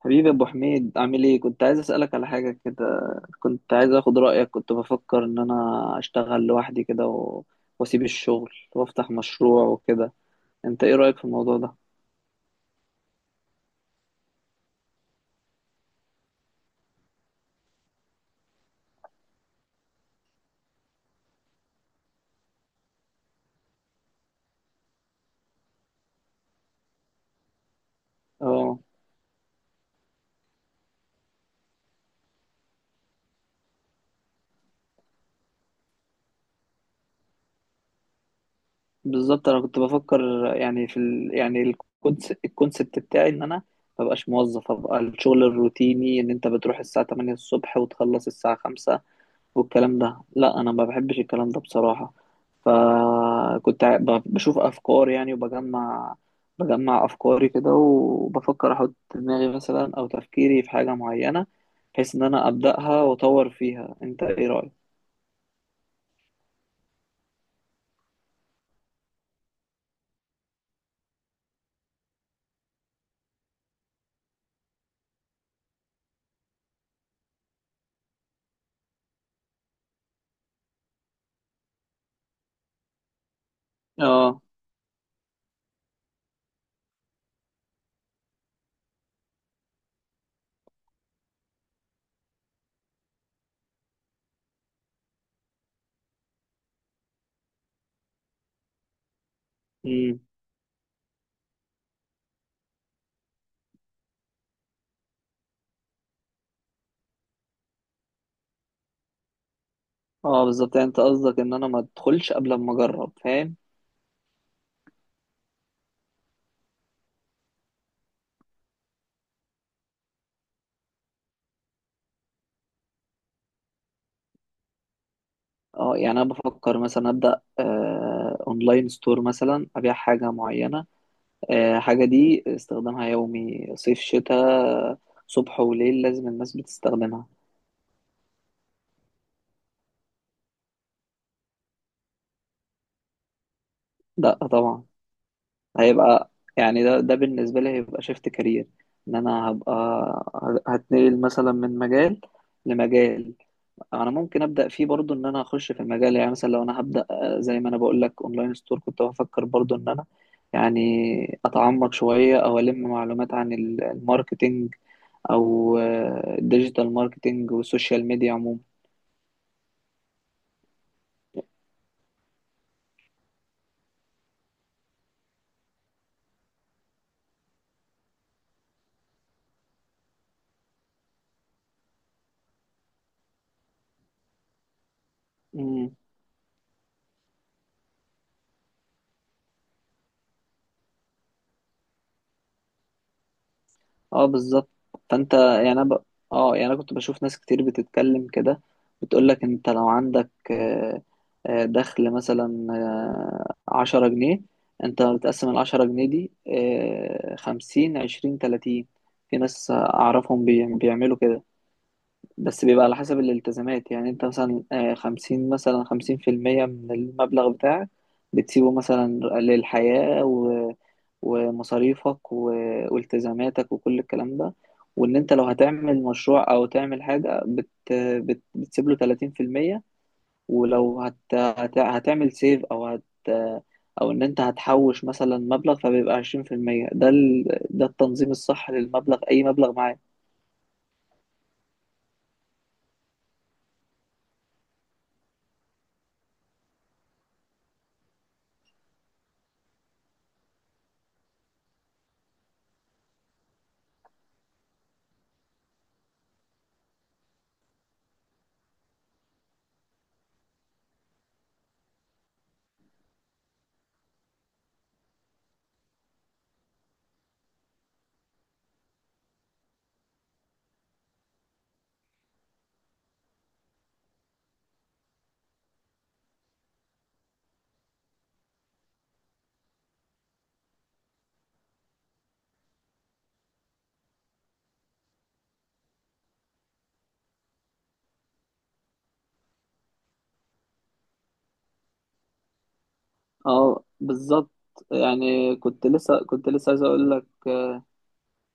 حبيبي ابو حميد، عامل ايه؟ كنت عايز اسالك على حاجه كده. كنت عايز اخد رايك. كنت بفكر ان انا اشتغل لوحدي كده، واسيب الشغل وافتح مشروع وكده. انت ايه رايك في الموضوع ده؟ اه بالظبط، انا كنت بفكر، يعني يعني الكونسبت بتاعي ان انا ما بقاش موظف. ابقى الشغل الروتيني ان انت بتروح الساعه 8 الصبح وتخلص الساعه 5 والكلام ده، لا، انا ما بحبش الكلام ده بصراحه. فكنت بشوف افكار، يعني، بجمع افكاري كده، وبفكر احط دماغي مثلا، او تفكيري في حاجه معينه، بحيث ان انا ابداها واطور فيها. انت ايه رايك؟ اه. امم. اه بالظبط، يعني انت قصدك ان انا ما ادخلش قبل ما اجرب. فاهم؟ اه، يعني انا بفكر مثلا ابدا، اونلاين ستور، مثلا ابيع حاجه معينه. حاجه دي استخدامها يومي، صيف شتاء، صبح وليل، لازم الناس بتستخدمها. لا طبعا. هيبقى، يعني ده بالنسبة لي هيبقى شيفت كارير. ان انا هتنقل مثلا من مجال لمجال. انا ممكن ابدا فيه برضو، ان انا اخش في المجال. يعني مثلا لو انا هبدا، زي ما انا بقول لك اونلاين ستور، كنت بفكر برضو ان انا يعني اتعمق شوية، او الم معلومات عن الماركتينج، او الديجيتال ماركتينج والسوشيال ميديا. عموما، اه بالظبط. فانت يعني اه، يعني انا كنت بشوف ناس كتير بتتكلم كده، بتقولك انت لو عندك دخل مثلا 10 جنيه، انت بتقسم العشرة جنيه دي خمسين 20 30. في ناس اعرفهم بيعملوا كده، بس بيبقى على حسب الالتزامات. يعني انت مثلا 50، مثلا 50% من المبلغ بتاعك بتسيبه مثلا للحياة، ومصاريفك والتزاماتك وكل الكلام ده. وان انت لو هتعمل مشروع او تعمل حاجة، بت بت بتسيب له 30%، ولو هت هت هتعمل سيف، او ان انت هتحوش مثلا مبلغ، فبيبقى 20%. ده التنظيم الصح للمبلغ، اي مبلغ معاك. اه بالظبط، يعني كنت لسه عايز اقول لك،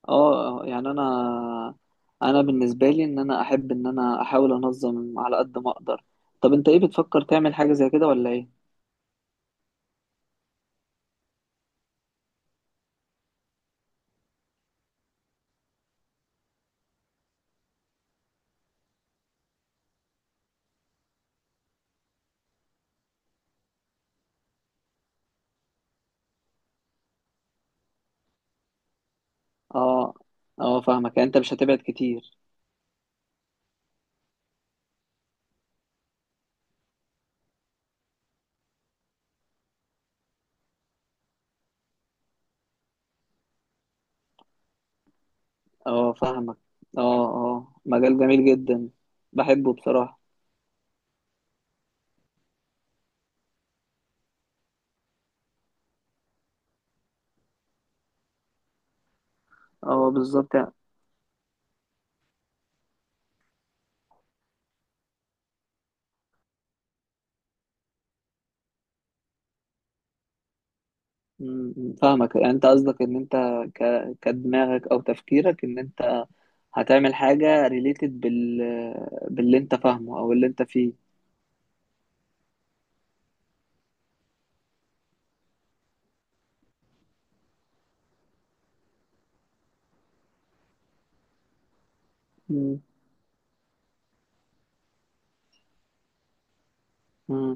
اه، يعني انا بالنسبه لي ان انا احب ان انا احاول انظم على قد ما اقدر. طب انت، ايه بتفكر تعمل حاجه زي كده ولا ايه؟ اه، اه، فاهمك. يعني انت مش هتبعد كتير. اه، فاهمك. اه، اه، مجال جميل جدا، بحبه بصراحه. اه بالظبط، يعني. م- م، فاهمك، يعني انت قصدك ان انت ك... كدماغك او تفكيرك ان انت هتعمل حاجه ريليتد باللي انت فاهمه او اللي انت فيه. م- م-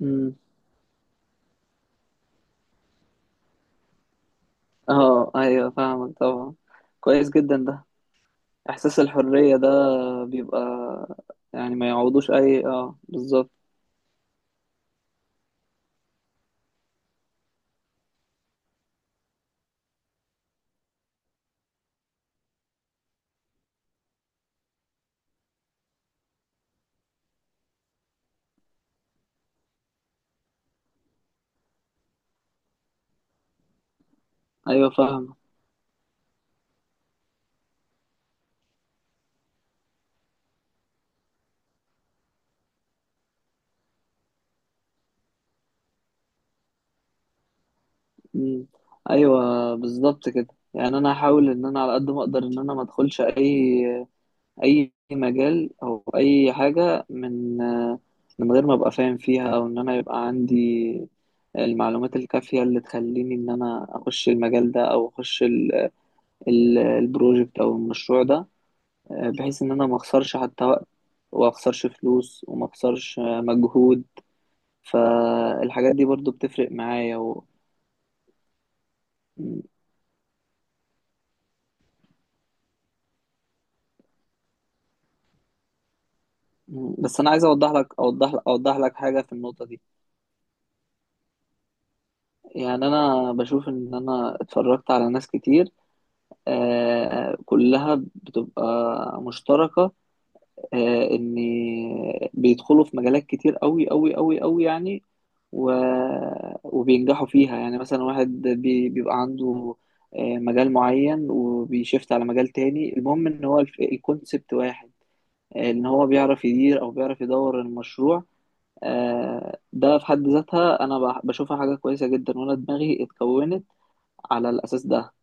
م. اه، ايوه، فاهمك طبعا. كويس جدا ده. احساس الحرية ده بيبقى، يعني ما يعوضوش اه بالظبط. ايوه فاهمك. مم. ايوه بالظبط كده. يعني انا هحاول ان انا على قد ما اقدر ان انا ما ادخلش اي مجال او اي حاجة، من غير ما ابقى فاهم فيها، او ان انا يبقى عندي المعلومات الكافية اللي تخليني ان انا اخش المجال ده، او اخش البروجكت او المشروع ده، بحيث ان انا ما اخسرش حتى وقت، وما اخسرش فلوس، وما اخسرش مجهود. فالحاجات دي برضو بتفرق معايا م- بس انا عايز اوضح لك حاجة في النقطة دي. يعني انا بشوف ان انا اتفرجت على ناس كتير، كلها بتبقى مشتركة، ان بيدخلوا في مجالات كتير قوي قوي قوي قوي، يعني، و... وبينجحوا فيها. يعني مثلا واحد بيبقى عنده مجال معين، وبيشفت على مجال تاني، المهم ان هو الكونسبت واحد، ان هو بيعرف يدير او بيعرف يدور المشروع. ده في حد ذاتها انا بشوفها حاجة كويسة جدا، وانا دماغي اتكونت على الاساس ده.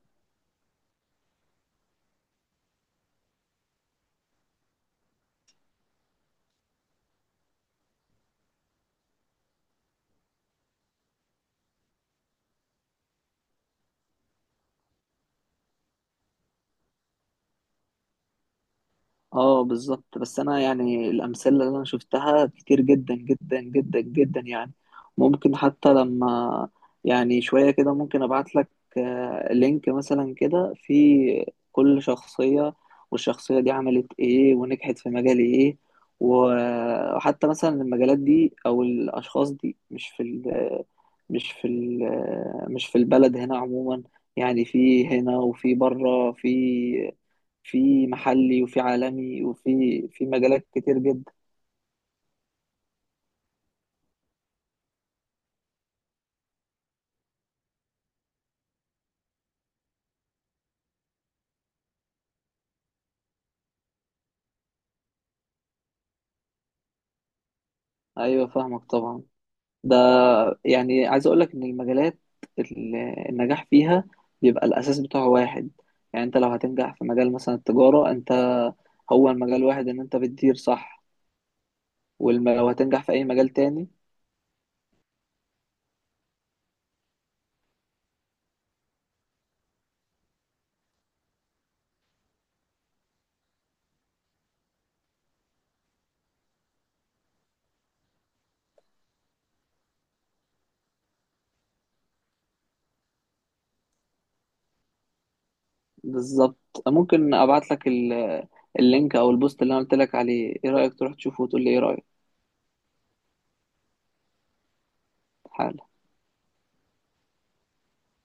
اه بالظبط. بس انا يعني الامثله اللي انا شفتها كتير جدا جدا جدا جدا، يعني ممكن حتى لما، يعني شويه كده، ممكن ابعت لك لينك مثلا كده في كل شخصيه، والشخصيه دي عملت ايه ونجحت في مجال ايه. وحتى مثلا المجالات دي او الاشخاص دي، مش في البلد هنا عموما. يعني في هنا وفي بره، في محلي وفي عالمي وفي مجالات كتير جدا. ايوه فاهمك طبعا. ده يعني عايز اقول لك ان المجالات ال- النجاح فيها بيبقى الاساس بتاعه واحد. يعني انت لو هتنجح في مجال مثلا التجارة، انت هو المجال واحد، ان انت بتدير صح. ولو هتنجح في اي مجال تاني. بالظبط. ممكن ابعت لك اللينك او البوست اللي انا قلت لك عليه. ايه رأيك؟ تروح تشوفه وتقول لي ايه رأيك؟